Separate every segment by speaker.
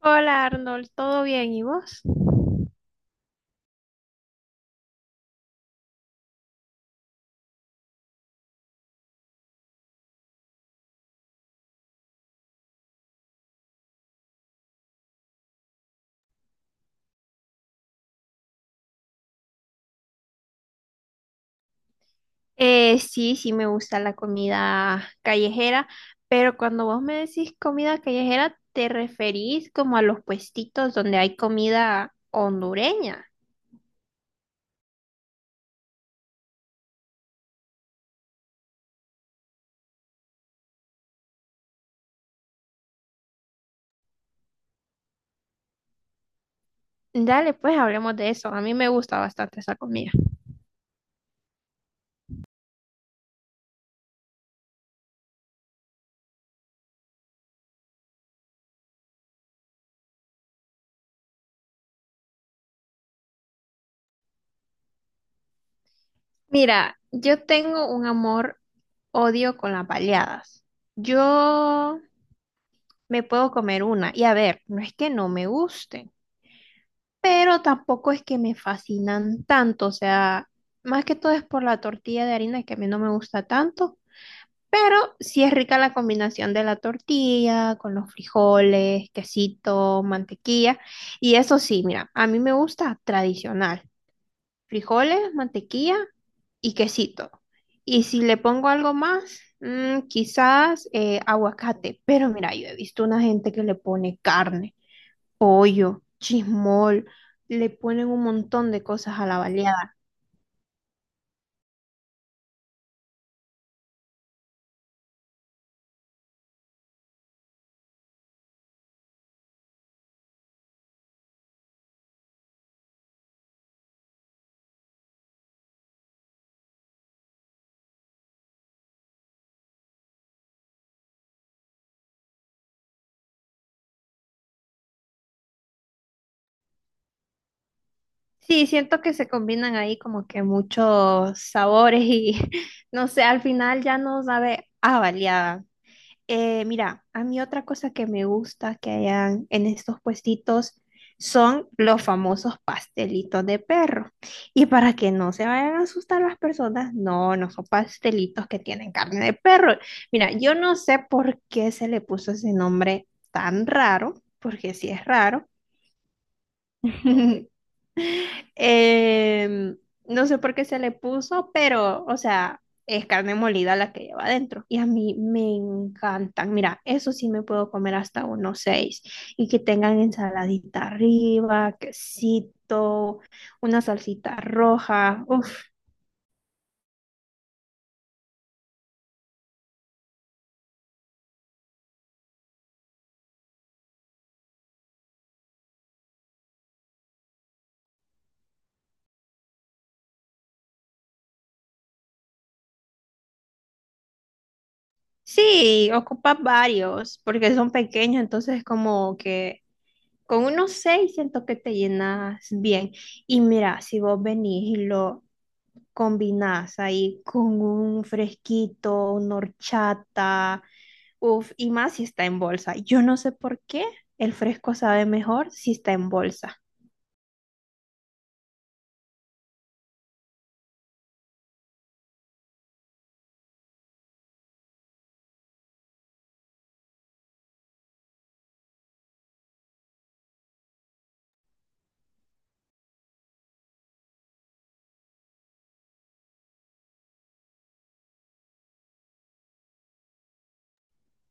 Speaker 1: Hola Arnold, ¿todo bien? ¿Y vos? Sí, me gusta la comida callejera, pero cuando vos me decís comida callejera, ¿te referís como a los puestitos donde hay comida hondureña? Dale, pues hablemos de eso. A mí me gusta bastante esa comida. Mira, yo tengo un amor odio con las baleadas. Yo me puedo comer una y a ver, no es que no me gusten, pero tampoco es que me fascinan tanto, o sea, más que todo es por la tortilla de harina que a mí no me gusta tanto, pero sí es rica la combinación de la tortilla con los frijoles, quesito, mantequilla y eso sí, mira, a mí me gusta tradicional frijoles, mantequilla y quesito. Y si le pongo algo más, quizás aguacate. Pero mira, yo he visto una gente que le pone carne, pollo, chismol, le ponen un montón de cosas a la baleada. Sí, siento que se combinan ahí como que muchos sabores y no sé, al final ya no sabe a baleada. Mira, a mí otra cosa que me gusta que hayan en estos puestitos son los famosos pastelitos de perro. Y para que no se vayan a asustar las personas, no, no son pastelitos que tienen carne de perro. Mira, yo no sé por qué se le puso ese nombre tan raro, porque sí es raro. Em, no sé por qué se le puso, pero, o sea, es carne molida la que lleva adentro. Y a mí me encantan. Mira, eso sí me puedo comer hasta unos 6. Y que tengan ensaladita arriba, quesito, una salsita roja. Uf. Sí, ocupa varios, porque son pequeños, entonces como que con unos 6 siento que te llenas bien. Y mira, si vos venís y lo combinás ahí con un fresquito, una horchata, uff, y más si está en bolsa. Yo no sé por qué el fresco sabe mejor si está en bolsa.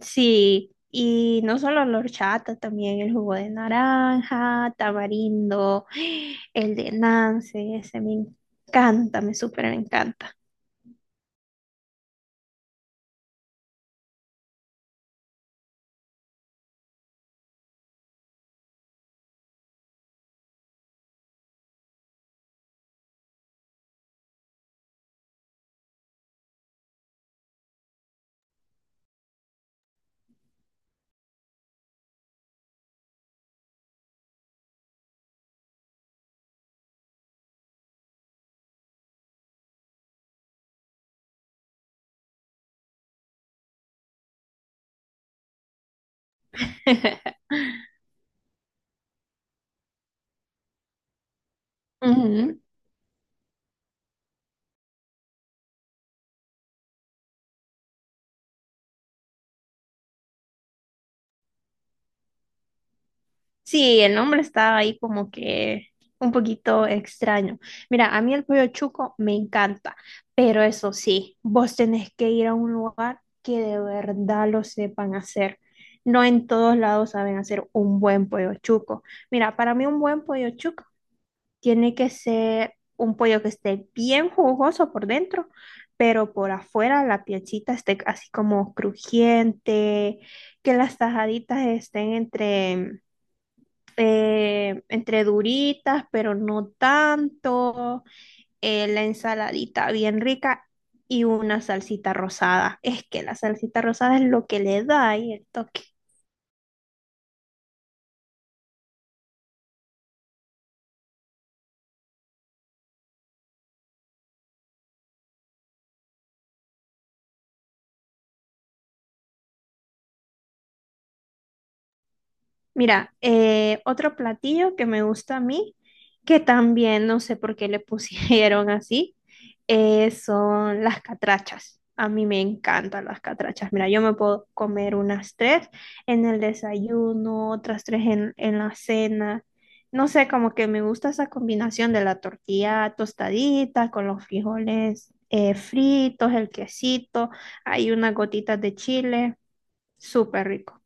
Speaker 1: Sí, y no solo la horchata, también el jugo de naranja, tamarindo, el de Nance, ese me encanta, me súper encanta. Ujú. Sí, el nombre está ahí como que un poquito extraño. Mira, a mí el pollo chuco me encanta, pero eso sí, vos tenés que ir a un lugar que de verdad lo sepan hacer. No en todos lados saben hacer un buen pollo chuco. Mira, para mí un buen pollo chuco tiene que ser un pollo que esté bien jugoso por dentro, pero por afuera la piecita esté así como crujiente, que las tajaditas estén entre entre duritas, pero no tanto, la ensaladita bien rica y una salsita rosada. Es que la salsita rosada es lo que le da ahí el toque. Mira, otro platillo que me gusta a mí, que también no sé por qué le pusieron así, son las catrachas. A mí me encantan las catrachas. Mira, yo me puedo comer unas 3 en el desayuno, otras 3 en la cena. No sé, como que me gusta esa combinación de la tortilla tostadita con los frijoles fritos, el quesito, hay unas gotitas de chile, súper rico.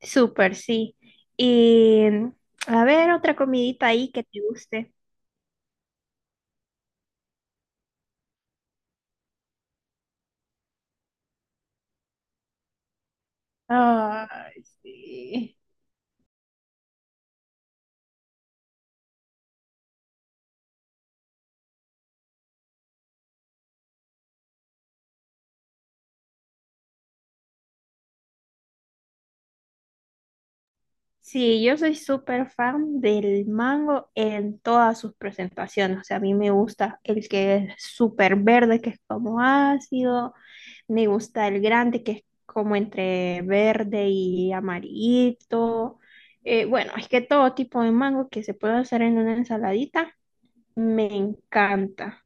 Speaker 1: Súper, sí. Y a ver, otra comidita ahí que te guste. Ay, sí. Sí, yo soy súper fan del mango en todas sus presentaciones. O sea, a mí me gusta el que es súper verde, que es como ácido. Me gusta el grande, que es como entre verde y amarillito. Bueno, es que todo tipo de mango que se puede hacer en una ensaladita me encanta.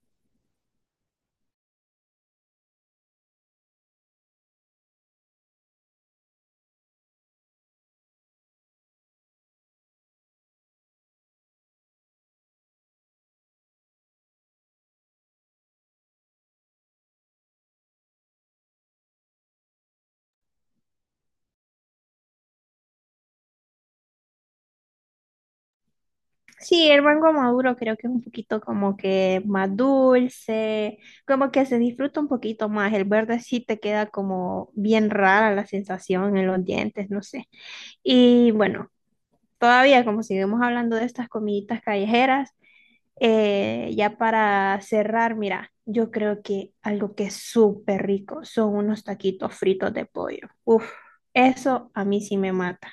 Speaker 1: Sí, el mango maduro creo que es un poquito como que más dulce, como que se disfruta un poquito más. El verde sí te queda como bien rara la sensación en los dientes, no sé. Y bueno, todavía como seguimos hablando de estas comiditas callejeras, ya para cerrar, mira, yo creo que algo que es súper rico son unos taquitos fritos de pollo. Uf, eso a mí sí me mata.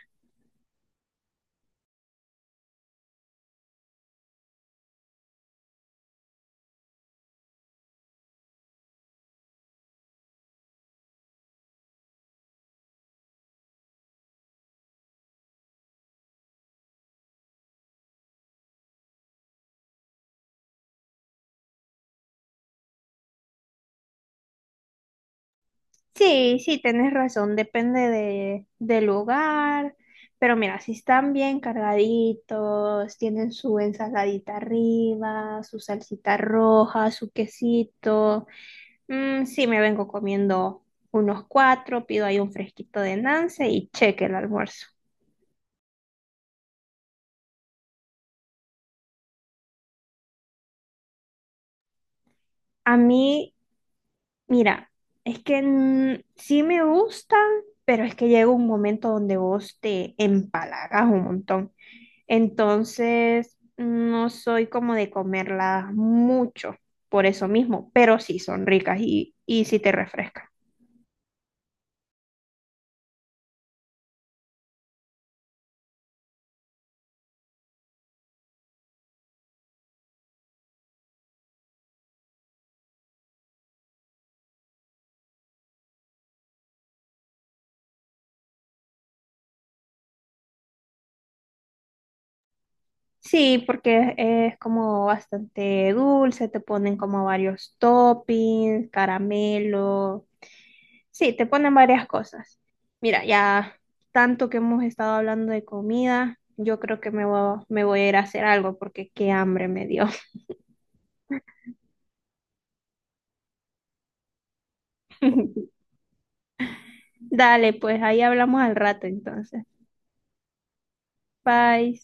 Speaker 1: Sí, sí, tenés razón, depende de, del lugar, pero mira, si están bien cargaditos, tienen su ensaladita arriba, su salsita roja, su quesito, sí me vengo comiendo unos 4, pido ahí un fresquito de Nance y cheque el almuerzo. A mí, mira, es que sí me gustan, pero es que llega un momento donde vos te empalagas un montón. Entonces, no soy como de comerlas mucho por eso mismo, pero sí son ricas y sí te refrescan. Sí, porque es como bastante dulce, te ponen como varios toppings, caramelo. Sí, te ponen varias cosas. Mira, ya tanto que hemos estado hablando de comida, yo creo que me voy a ir a hacer algo porque qué hambre me dio. Dale, pues ahí hablamos al rato entonces. Bye.